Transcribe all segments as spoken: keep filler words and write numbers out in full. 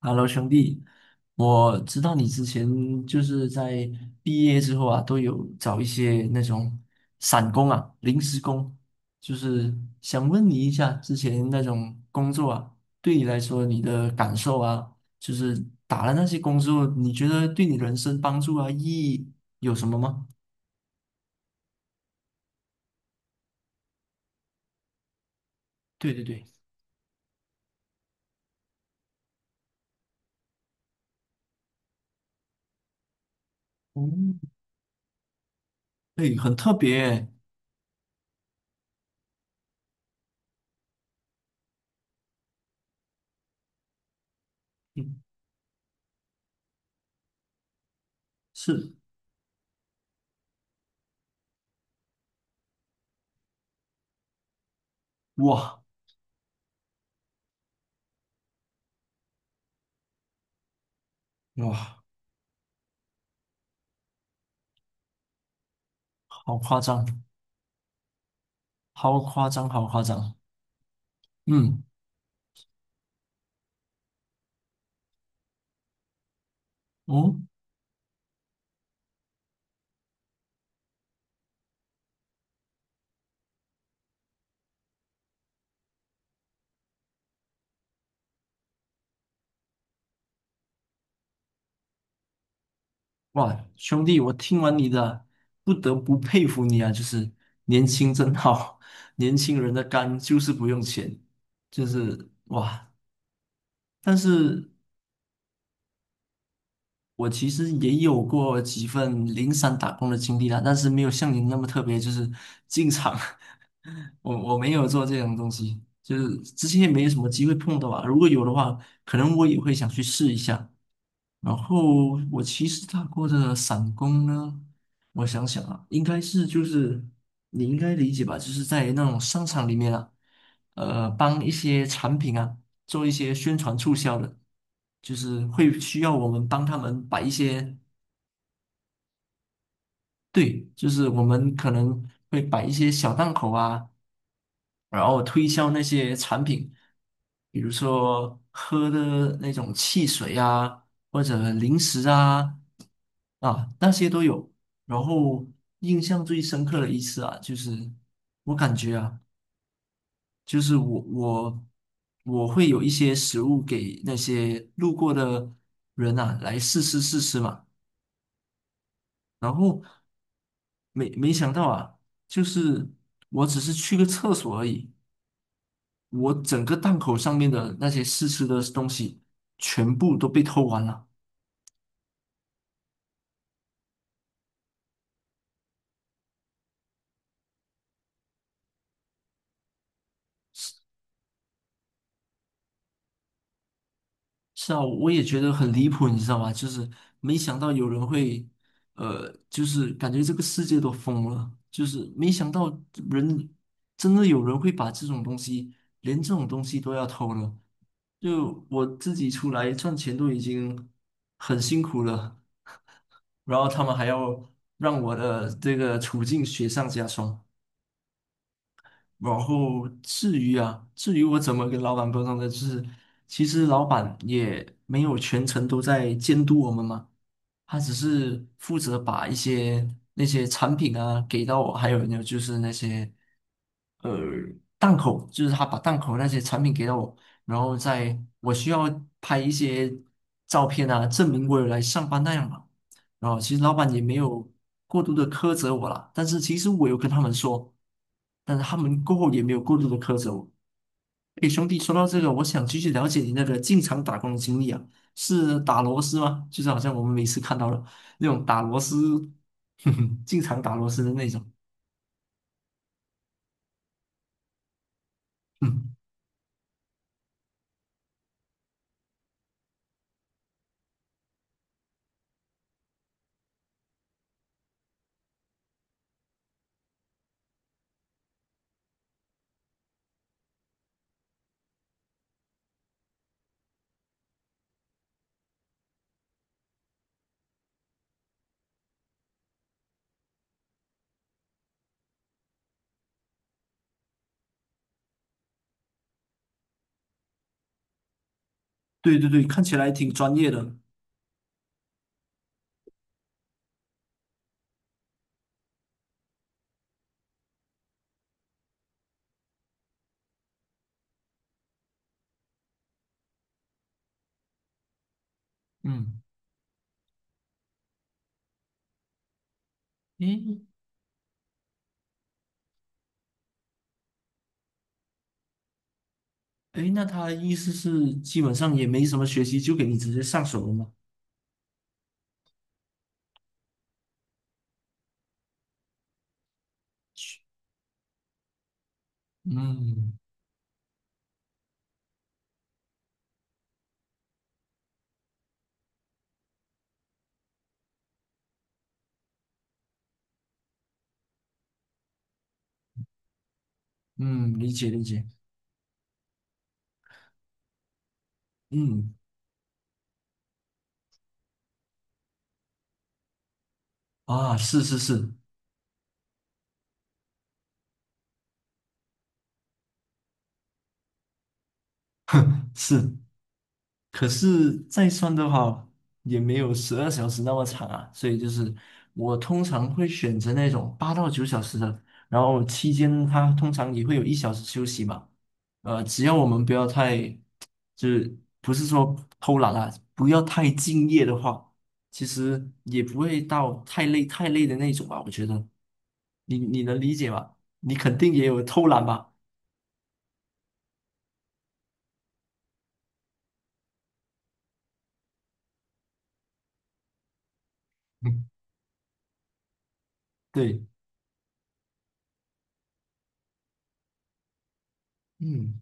Hello，兄弟，我知道你之前就是在毕业之后啊，都有找一些那种散工啊、临时工，就是想问你一下，之前那种工作啊，对你来说你的感受啊，就是打了那些工作，你觉得对你人生帮助啊、意义有什么吗？对对对，嗯，对，很特别，嗯，是，哇哇，好夸张，好夸张，好夸张，嗯。哦，哇，兄弟，我听完你的，不得不佩服你啊！就是年轻真好，年轻人的肝就是不用钱，就是哇！但是我其实也有过几份零散打工的经历啦，但是没有像您那么特别，就是进厂，我我没有做这种东西，就是之前也没有什么机会碰到啊。如果有的话，可能我也会想去试一下。然后我其实打过的散工呢，我想想啊，应该是就是你应该理解吧，就是在那种商场里面啊，呃，帮一些产品啊。做一些宣传促销的，就是会需要我们帮他们摆一些，对，就是我们可能会摆一些小档口啊，然后推销那些产品，比如说喝的那种汽水啊，或者零食啊，啊，那些都有。然后印象最深刻的一次啊，就是我感觉啊。就是我我我会有一些食物给那些路过的人啊来试吃试吃嘛，然后没没想到啊，就是我只是去个厕所而已，我整个档口上面的那些试吃的东西全部都被偷完了。是啊，我也觉得很离谱，你知道吗？就是没想到有人会，呃，就是感觉这个世界都疯了，就是没想到人真的有人会把这种东西，连这种东西都要偷了。就我自己出来赚钱都已经很辛苦了，然后他们还要让我的这个处境雪上加霜。然后至于啊，至于我怎么跟老板沟通的，就是其实老板也没有全程都在监督我们嘛，他只是负责把一些那些产品啊给到我，还有呢就是那些呃档口，就是他把档口那些产品给到我，然后在我需要拍一些照片啊，证明我有来上班那样嘛。然后其实老板也没有过度的苛责我啦，但是其实我有跟他们说，但是他们过后也没有过度的苛责我。诶，兄弟，说到这个，我想继续了解你那个进厂打工的经历啊。是打螺丝吗？就是好像我们每次看到了那种打螺丝，哼哼，经常打螺丝的那种。嗯，对对对，看起来挺专业的。嗯，诶诶，那他的意思是基本上也没什么学习，就给你直接上手了吗？嗯嗯，理解理解。嗯啊，是是是是，可是再算的话，也没有十二小时那么长啊，所以就是我通常会选择那种八到九小时的，然后期间它通常也会有一小时休息嘛，呃，只要我们不要太，就是不是说偷懒啊，不要太敬业的话，其实也不会到太累太累的那种吧，我觉得，你你能理解吧？你肯定也有偷懒吧？嗯对，嗯，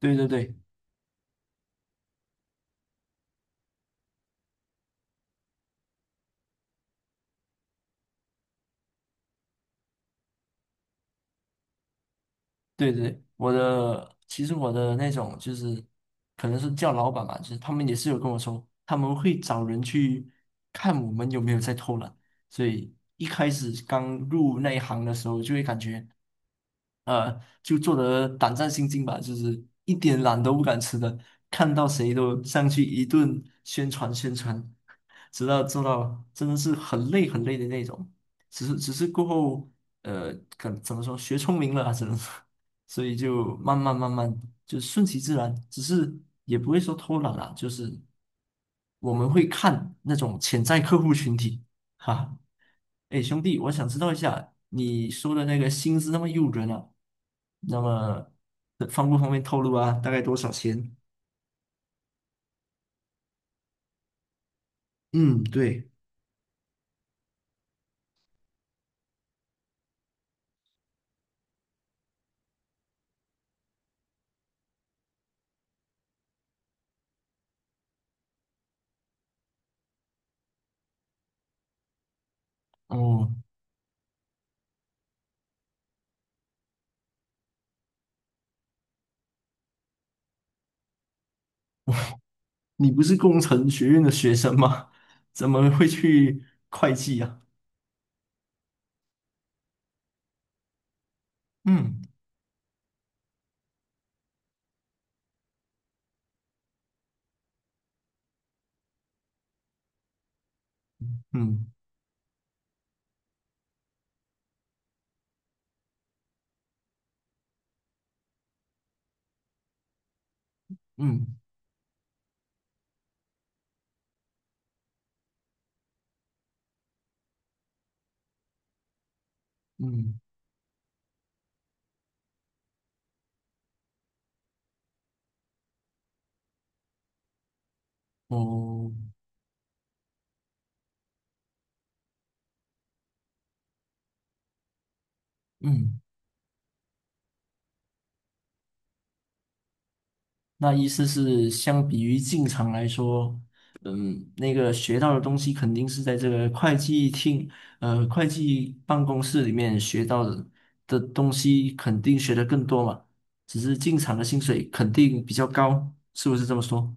对对对。对对，我的其实我的那种就是可能是叫老板吧，就是他们也是有跟我说，他们会找人去看我们有没有在偷懒，所以一开始刚入那一行的时候，就会感觉呃，就做得胆战心惊吧，就是一点懒都不敢吃的，看到谁都上去一顿宣传宣传，直到做到真的是很累很累的那种。只是只是过后，呃，可怎么说，学聪明了啊，只能说，所以就慢慢慢慢就顺其自然，只是也不会说偷懒啦，就是我们会看那种潜在客户群体，哈。哎，兄弟，我想知道一下你说的那个薪资那么诱人啊，那么呃方不方便透露啊？大概多少钱？嗯，对，哦，你不是工程学院的学生吗？怎么会去会计啊？嗯嗯嗯嗯，哦，嗯。那意思是，相比于进厂来说，嗯，那个学到的东西肯定是在这个会计厅，呃，会计办公室里面学到的的东西，肯定学的更多嘛。只是进厂的薪水肯定比较高，是不是这么说？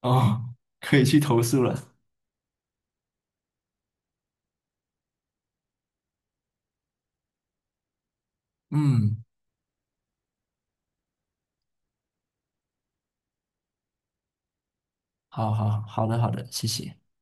哦，可以去投诉了。嗯，好好好的好的，谢谢。